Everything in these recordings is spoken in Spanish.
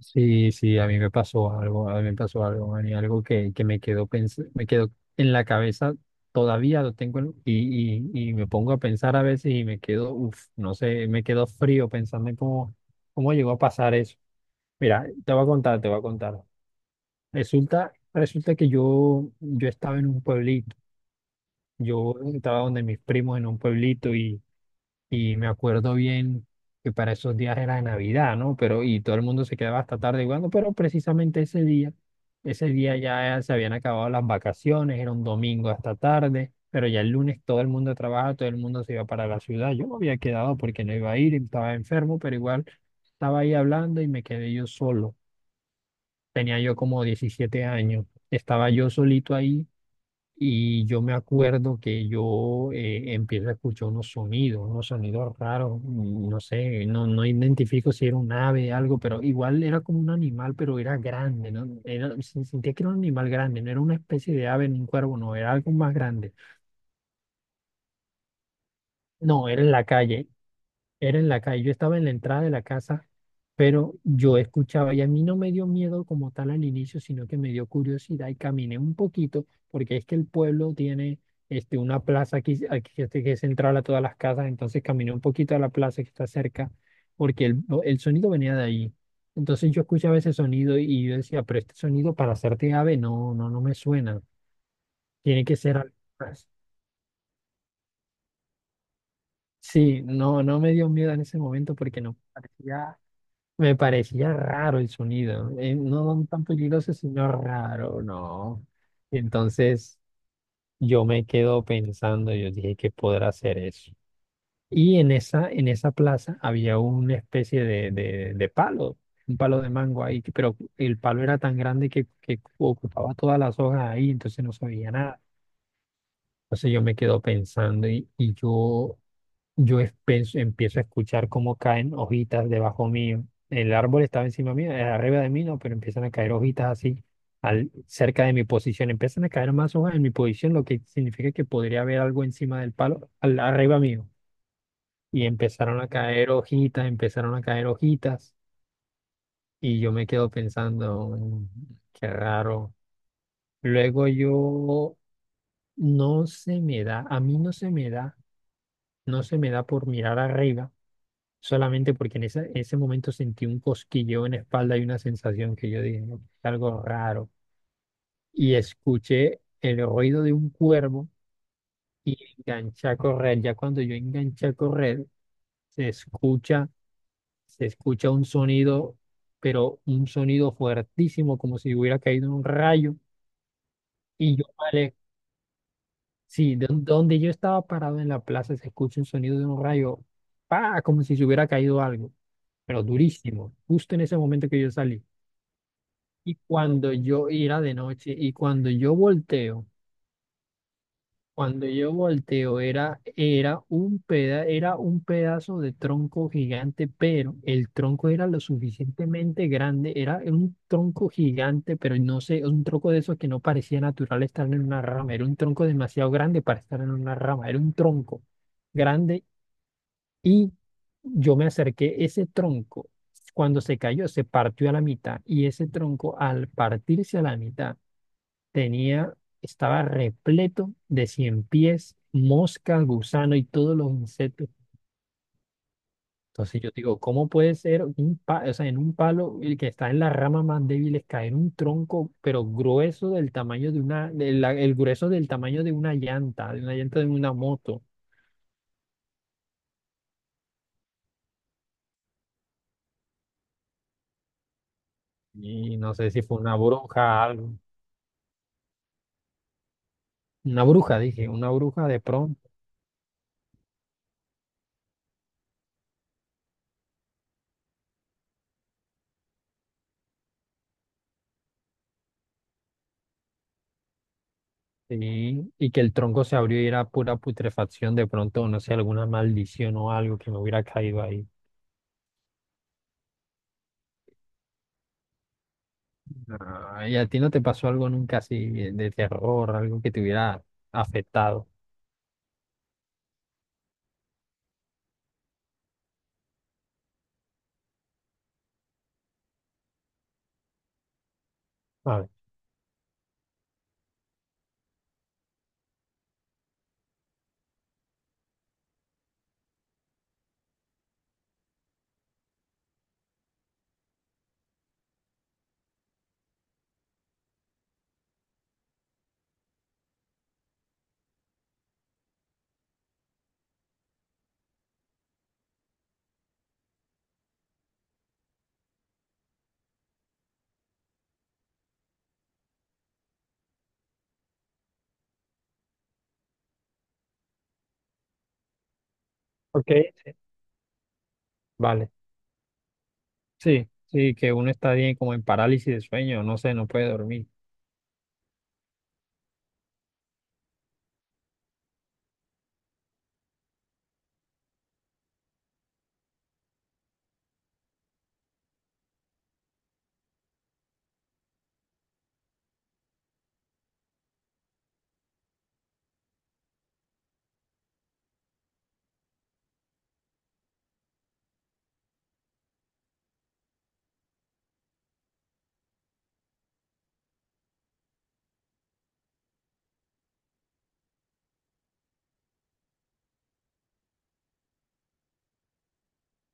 Sí, sí, a mí me pasó algo, a mí me pasó algo, Manny, algo que me quedó me quedó en la cabeza, todavía lo tengo y me pongo a pensar a veces y me quedo, uff, no sé, me quedo frío pensando en cómo llegó a pasar eso. Mira, te voy a contar, te voy a contar. Resulta que yo estaba en un pueblito, yo estaba donde mis primos en un pueblito y me acuerdo bien que para esos días era Navidad, ¿no? Pero y todo el mundo se quedaba hasta tarde jugando, pero precisamente ese día ya se habían acabado las vacaciones, era un domingo hasta tarde, pero ya el lunes todo el mundo trabaja, todo el mundo se iba para la ciudad. Yo me había quedado porque no iba a ir, estaba enfermo, pero igual estaba ahí hablando y me quedé yo solo. Tenía yo como 17 años, estaba yo solito ahí y yo me acuerdo que yo empiezo a escuchar unos sonidos raros, no sé, no identifico si era un ave, algo, pero igual era como un animal, pero era grande, ¿no? Era, sentía que era un animal grande, no era una especie de ave ni un cuervo, no, era algo más grande. No, era en la calle. Era en la calle, yo estaba en la entrada de la casa, pero yo escuchaba y a mí no me dio miedo como tal al inicio, sino que me dio curiosidad y caminé un poquito, porque es que el pueblo tiene este, una plaza aquí que este, que es central a todas las casas, entonces caminé un poquito a la plaza que está cerca, porque el sonido venía de ahí. Entonces yo escuchaba ese sonido y yo decía, pero este sonido para hacerte ave no, no me suena, tiene que ser algo más. Sí, no, no me dio miedo en ese momento porque no parecía. Me parecía raro el sonido, no tan peligroso, sino raro, no. Entonces yo me quedo pensando, yo dije, ¿qué podrá ser eso? Y en en esa plaza había una especie de, de palo, un palo de mango ahí, que- pero el palo era tan grande que ocupaba todas las hojas ahí, entonces no se veía nada. Entonces yo me quedo pensando y yo empiezo a escuchar cómo caen hojitas debajo mío. El árbol estaba encima mío, arriba de mí, no, pero empiezan a caer hojitas así, cerca de mi posición. Empiezan a caer más hojas en mi posición, lo que significa que podría haber algo encima del palo, arriba mío. Y empezaron a caer hojitas, empezaron a caer hojitas. Y yo me quedo pensando, "Mm, qué raro." Luego yo, no se me da, a mí no se me da, no se me da por mirar arriba solamente porque en en ese momento sentí un cosquilleo en la espalda y una sensación que yo dije, "No, algo raro." Y escuché el ruido de un cuervo y enganché a correr. Ya cuando yo enganché a correr, se escucha, se escucha un sonido, pero un sonido fuertísimo, como si hubiera caído un rayo. Y yo paré, sí, de donde yo estaba parado en la plaza, se escucha un sonido de un rayo, ¡pa! Como si se hubiera caído algo, pero durísimo, justo en ese momento que yo salí. Y cuando yo era de noche y cuando yo volteo era, era un peda, era un pedazo de tronco gigante, pero el tronco era lo suficientemente grande, era un tronco gigante, pero no sé, un tronco de esos que no parecía natural estar en una rama, era un tronco demasiado grande para estar en una rama, era un tronco grande y yo me acerqué, ese tronco, cuando se cayó, se partió a la mitad y ese tronco al partirse a la mitad, tenía, estaba repleto de cien pies, moscas, gusanos y todos los insectos. Entonces yo digo, ¿cómo puede ser un o sea, en un palo el que está en las ramas más débiles caer un tronco, pero grueso del tamaño de una, de el grueso del tamaño de una llanta, de una llanta de una moto? Y no sé si fue una bruja, algo. Una bruja, dije, una bruja de pronto. Sí, y que el tronco se abrió y era pura putrefacción de pronto, no sé, alguna maldición o algo que me hubiera caído ahí. Ah, ¿y a ti no te pasó algo nunca así de terror, algo que te hubiera afectado? Vale, ok, vale. Sí, sí, que uno está bien como en parálisis de sueño, no sé, no puede dormir.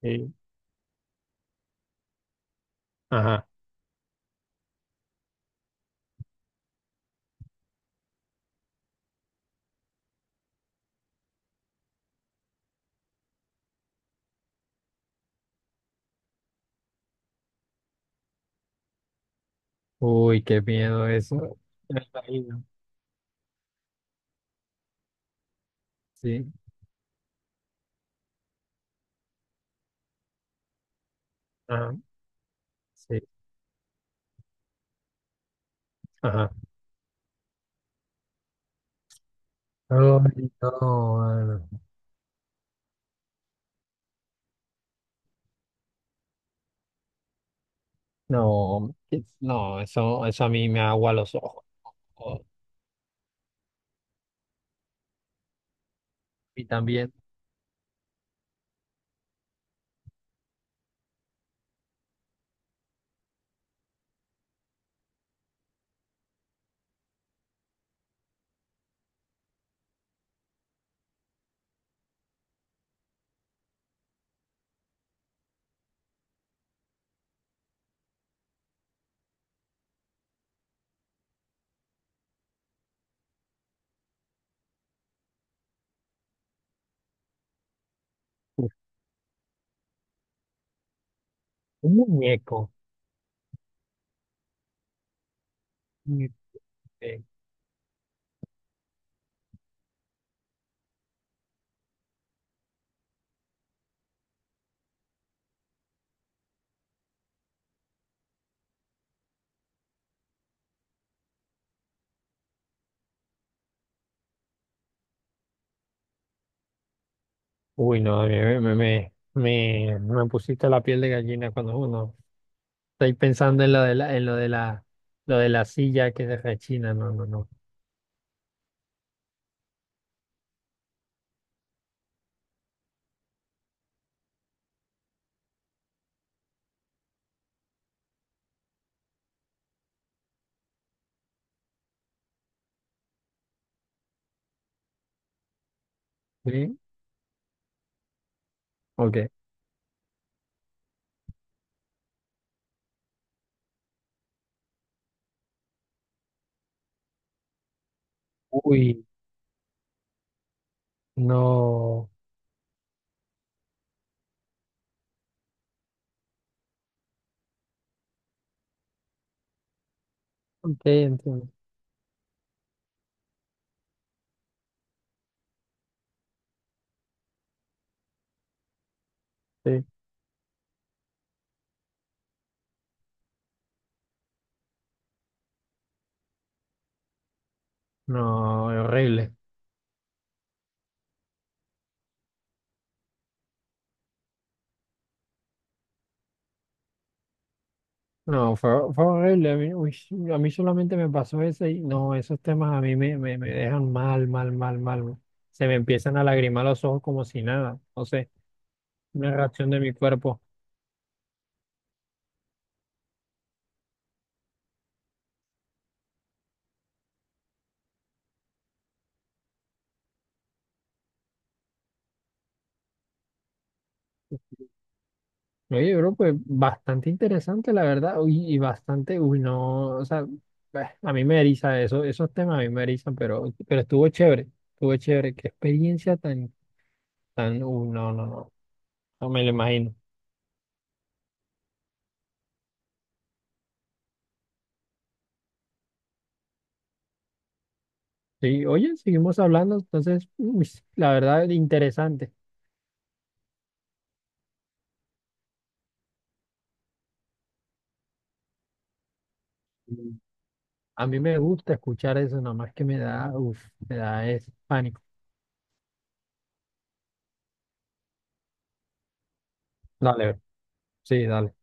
Sí. Ajá. Uy, qué miedo eso. Me imagino. Sí, ajá, sí, ajá. Ay, no, mano. No, que- no, eso a mí me agua los ojos. Y también, uf, un muñeco. Uy, no, a mí me pusiste la piel de gallina cuando uno estoy pensando en lo de en lo de lo de la silla que se rechina, no, no, no. ¿Sí? Ok. Uy, no. Ok, entiendo. Sí. No, horrible. No, fue, fue horrible. A mí, uy, a mí solamente me pasó eso y no, esos temas a mí me dejan mal, mal, mal, mal. Se me empiezan a lagrimar los ojos como si nada. No sé, una reacción de mi cuerpo. Oye, bro, pues bastante interesante, la verdad, uy, y bastante, uy, no, o sea, bah, a mí me eriza eso, esos temas a mí me erizan, pero estuvo chévere, qué experiencia tan, tan, uy, no, no, no, no me lo imagino. Sí, oye, seguimos hablando, entonces, uy, la verdad, interesante. Mm. A mí me gusta escuchar eso, nada más que me da, uff, me da es pánico. Dale, bro. Sí, dale.